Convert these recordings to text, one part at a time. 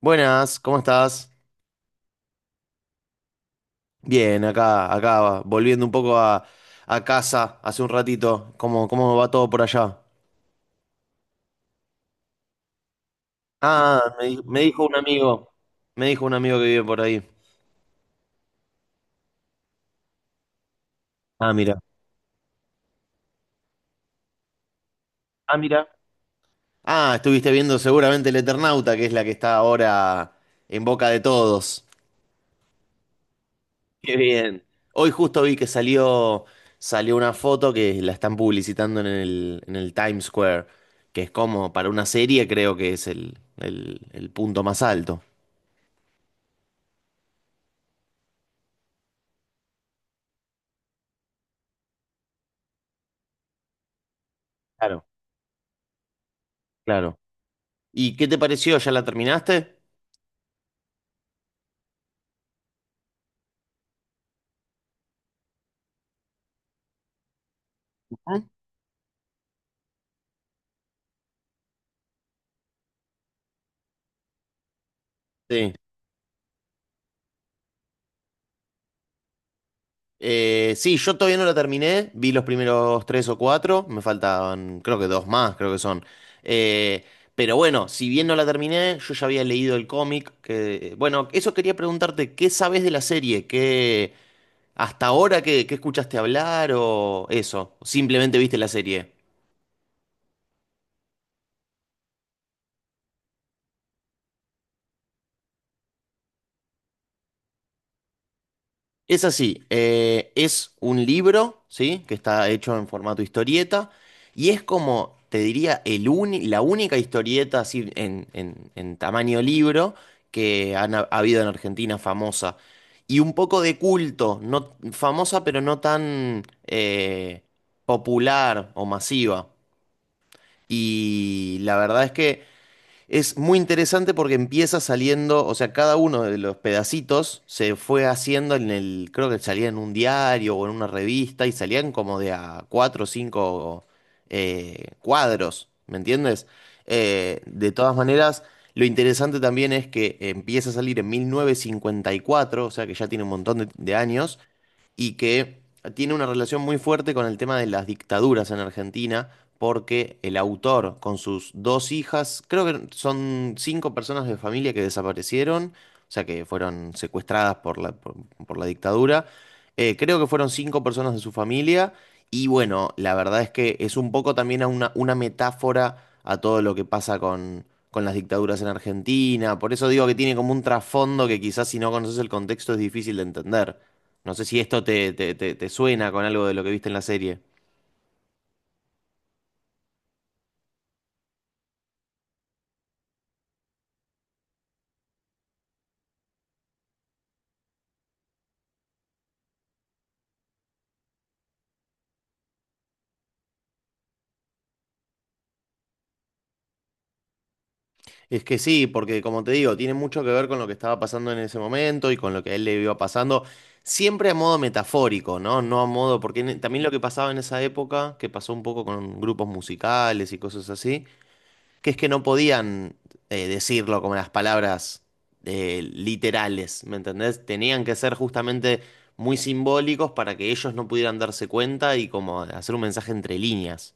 Buenas, ¿cómo estás? Bien, acá, acá, volviendo un poco a casa hace un ratito. ¿Cómo va todo por allá? Ah, me dijo un amigo que vive por ahí. Ah, mira. Ah, mira. Ah, estuviste viendo seguramente El Eternauta, que es la que está ahora en boca de todos. Qué bien. Hoy justo vi que salió una foto que la están publicitando en el Times Square, que es como para una serie, creo que es el punto más alto. Claro, claro. ¿Y qué te pareció? ¿Ya la terminaste? Ujú. Sí. Sí, yo todavía no la terminé. Vi los primeros tres o cuatro. Me faltaban, creo que dos más, creo que son. Eh, pero bueno, si bien no la terminé, yo ya había leído el cómic. Que, bueno, eso quería preguntarte, ¿qué sabes de la serie? ¿Hasta ahora qué escuchaste hablar o eso? ¿Simplemente viste la serie? Es así, es un libro, ¿sí? Que está hecho en formato historieta y es como, te diría, la única historieta así en tamaño libro que han ha ha habido en Argentina famosa. Y un poco de culto, no, famosa pero no tan popular o masiva. Y la verdad es que es muy interesante porque empieza saliendo, o sea, cada uno de los pedacitos se fue haciendo en el, creo que salía en un diario o en una revista y salían como de a cuatro o cinco cuadros, ¿me entiendes? De todas maneras, lo interesante también es que empieza a salir en 1954, o sea que ya tiene un montón de años y que tiene una relación muy fuerte con el tema de las dictaduras en Argentina, porque el autor con sus dos hijas, creo que son cinco personas de familia que desaparecieron, o sea que fueron secuestradas por la dictadura. Creo que fueron cinco personas de su familia, y bueno, la verdad es que es un poco también a una metáfora a todo lo que pasa con las dictaduras en Argentina, por eso digo que tiene como un trasfondo que quizás si no conoces el contexto es difícil de entender. No sé si esto te suena con algo de lo que viste en la serie. Es que sí, porque como te digo, tiene mucho que ver con lo que estaba pasando en ese momento y con lo que a él le iba pasando, siempre a modo metafórico, ¿no? No a modo, porque también lo que pasaba en esa época, que pasó un poco con grupos musicales y cosas así, que es que no podían decirlo como las palabras literales, ¿me entendés? Tenían que ser justamente muy simbólicos para que ellos no pudieran darse cuenta y como hacer un mensaje entre líneas.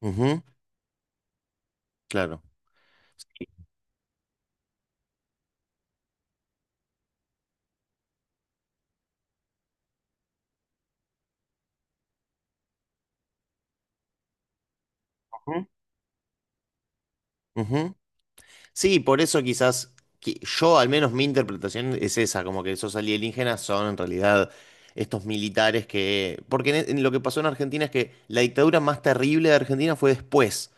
Ujú, claro. Ujú, ujú. Sí, por eso quizás yo, al menos mi interpretación es esa, como que esos alienígenas son en realidad estos militares que... Porque en lo que pasó en Argentina es que la dictadura más terrible de Argentina fue después.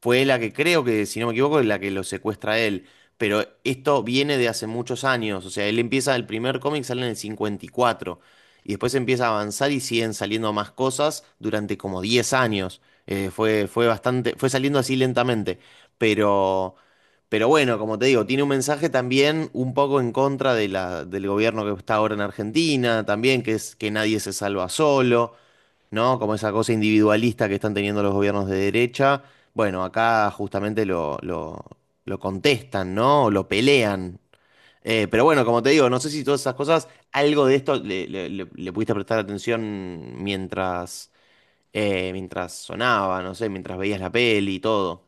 Fue la que creo que, si no me equivoco, es la que lo secuestra a él. Pero esto viene de hace muchos años. O sea, él empieza, el primer cómic sale en el 54. Y cuatro. Y después empieza a avanzar y siguen saliendo más cosas durante como 10 años. Fue bastante, fue saliendo así lentamente. Pero, pero bueno, como te digo, tiene un mensaje también un poco en contra de del gobierno que está ahora en Argentina, también, que es que nadie se salva solo, ¿no? Como esa cosa individualista que están teniendo los gobiernos de derecha. Bueno, acá justamente lo contestan, ¿no? O lo pelean. Pero bueno, como te digo, no sé si todas esas cosas, algo de esto le pudiste prestar atención mientras, mientras sonaba, no sé, mientras veías la peli y todo.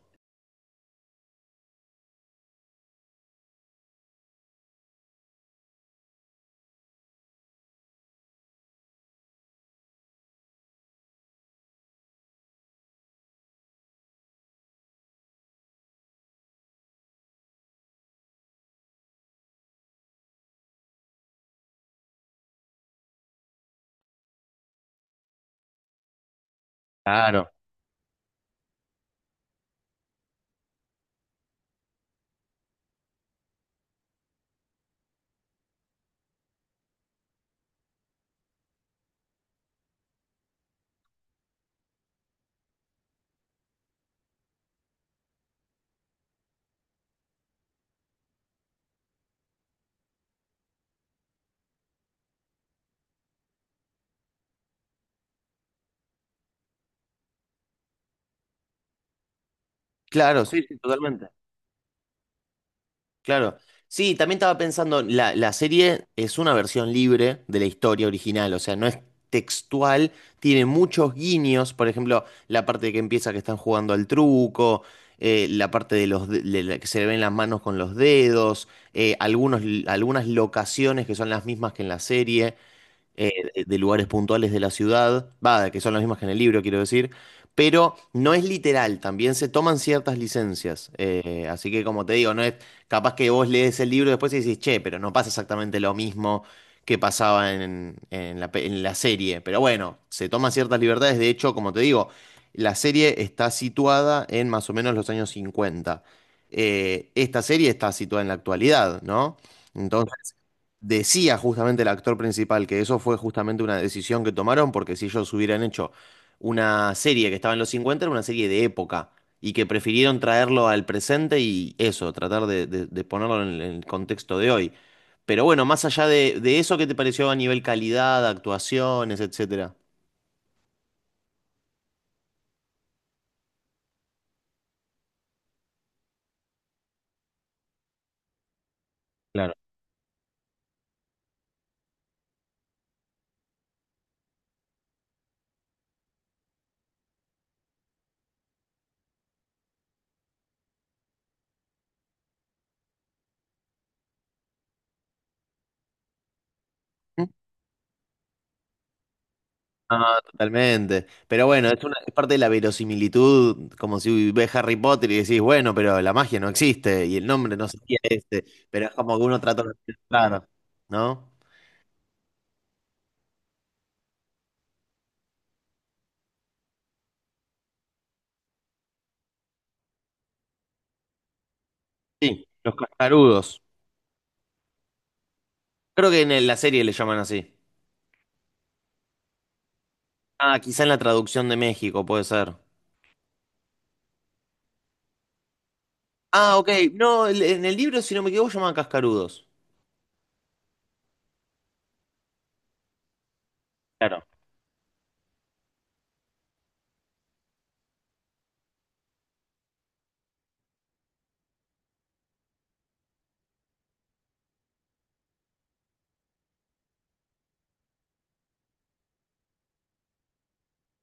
Claro. Claro, sí, claro. Sí, también estaba pensando, la serie es una versión libre de la historia original, o sea, no es textual, tiene muchos guiños, por ejemplo, la parte que empieza que están jugando al truco, la parte de de la que se le ven las manos con los dedos, algunas locaciones que son las mismas que en la serie, de lugares puntuales de la ciudad, va, que son las mismas que en el libro, quiero decir, pero no es literal, también se toman ciertas licencias. Así que como te digo, no es capaz que vos lees el libro después y decís, che, pero no pasa exactamente lo mismo que pasaba en la serie. Pero bueno, se toman ciertas libertades, de hecho, como te digo, la serie está situada en más o menos los años cincuenta. Esta serie está situada en la actualidad, ¿no? Entonces, decía justamente el actor principal que eso fue justamente una decisión que tomaron, porque si ellos hubieran hecho una serie que estaba en los 50 era una serie de época, y que prefirieron traerlo al presente y eso, tratar de ponerlo en el contexto de hoy. Pero bueno, más allá de eso, ¿qué te pareció a nivel calidad, actuaciones, etcétera? Claro. No, totalmente. Pero bueno, es una, es parte de la verosimilitud, como si ves Harry Potter y decís, bueno, pero la magia no existe y el nombre no sé es este, pero es como que uno trata de hacer claro, ¿no? Sí, los cascarudos. Creo que en la serie le llaman así. Ah, quizá en la traducción de México puede ser. Ah, ok. No, en el libro, si no me equivoco, llaman cascarudos. Claro.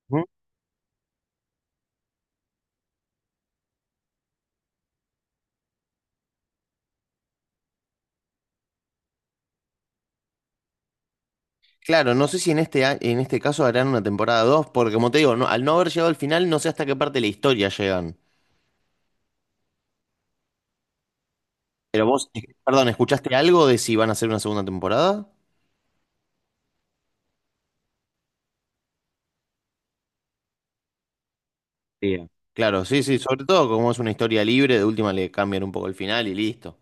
Ujú. Claro, no sé si en en este caso harán una temporada 2 porque como te digo, al no haber llegado al final, no sé hasta qué parte de la historia llegan. Pero vos, perdón, ¿escuchaste algo de si van a hacer una segunda temporada? Sí. Claro, sí, sí, sobre todo como es una historia libre, de última le cambian un poco el final y listo.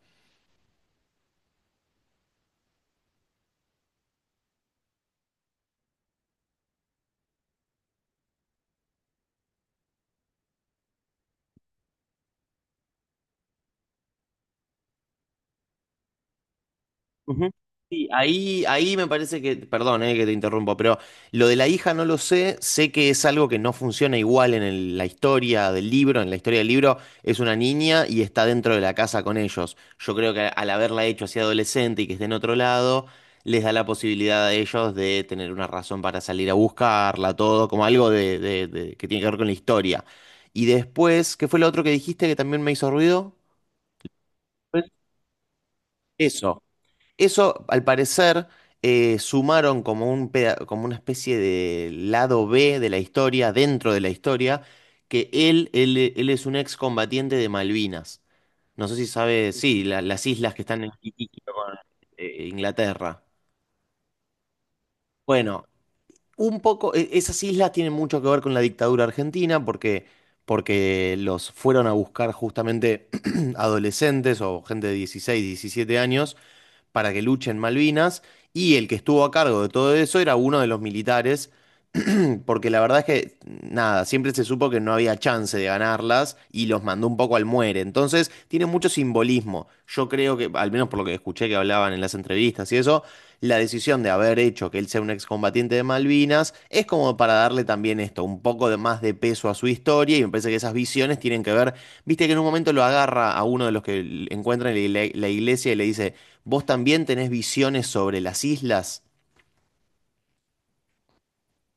Ujú. Sí, ahí me parece que, perdón, que te interrumpo, pero lo de la hija no lo sé, sé que es algo que no funciona igual en la historia del libro, en la historia del libro es una niña y está dentro de la casa con ellos. Yo creo que al haberla hecho así adolescente y que esté en otro lado, les da la posibilidad a ellos de tener una razón para salir a buscarla, todo, como algo de que tiene que ver con la historia. Y después, ¿qué fue lo otro que dijiste que también me hizo ruido? Eso. Eso, al parecer, sumaron como como una especie de lado B de la historia, dentro de la historia, que él es un excombatiente de Malvinas. No sé si sabe, sí, las islas que están en Iquique con Inglaterra. Bueno, un poco, esas islas tienen mucho que ver con la dictadura argentina porque, porque los fueron a buscar justamente adolescentes o gente de 16, 17 años para que luchen en Malvinas, y el que estuvo a cargo de todo eso era uno de los militares, porque la verdad es que, nada, siempre se supo que no había chance de ganarlas y los mandó un poco al muere. Entonces, tiene mucho simbolismo. Yo creo que, al menos por lo que escuché que hablaban en las entrevistas y eso, la decisión de haber hecho que él sea un excombatiente de Malvinas es como para darle también esto, un poco de más de peso a su historia, y me parece que esas visiones tienen que ver, viste que en un momento lo agarra a uno de los que encuentran en la iglesia y le dice, ¿vos también tenés visiones sobre las islas?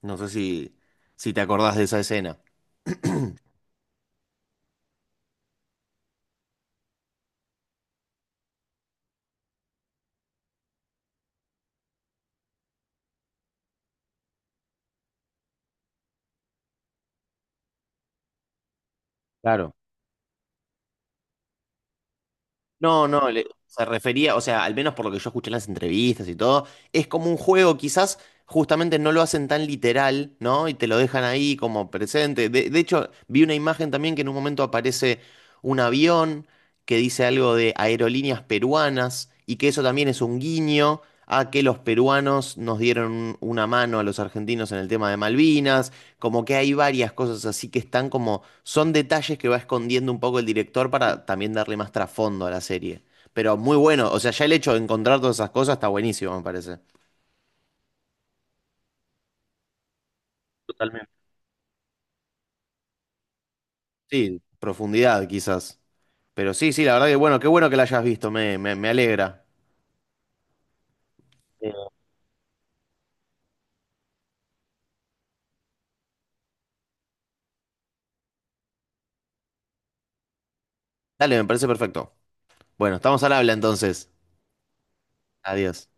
No sé si, si te acordás de esa escena. Claro. No, no, se refería, o sea, al menos por lo que yo escuché en las entrevistas y todo, es como un juego, quizás justamente no lo hacen tan literal, ¿no? Y te lo dejan ahí como presente. De hecho, vi una imagen también que en un momento aparece un avión que dice algo de aerolíneas peruanas y que eso también es un guiño a que los peruanos nos dieron una mano a los argentinos en el tema de Malvinas. Como que hay varias cosas así que están como, son detalles que va escondiendo un poco el director para también darle más trasfondo a la serie. Pero muy bueno, o sea, ya el hecho de encontrar todas esas cosas está buenísimo, me parece. Sí, profundidad quizás. Pero sí, sí, la verdad que bueno, qué bueno que la hayas visto, me alegra. Eh, Dale, me parece perfecto. Bueno, estamos al habla entonces. Adiós.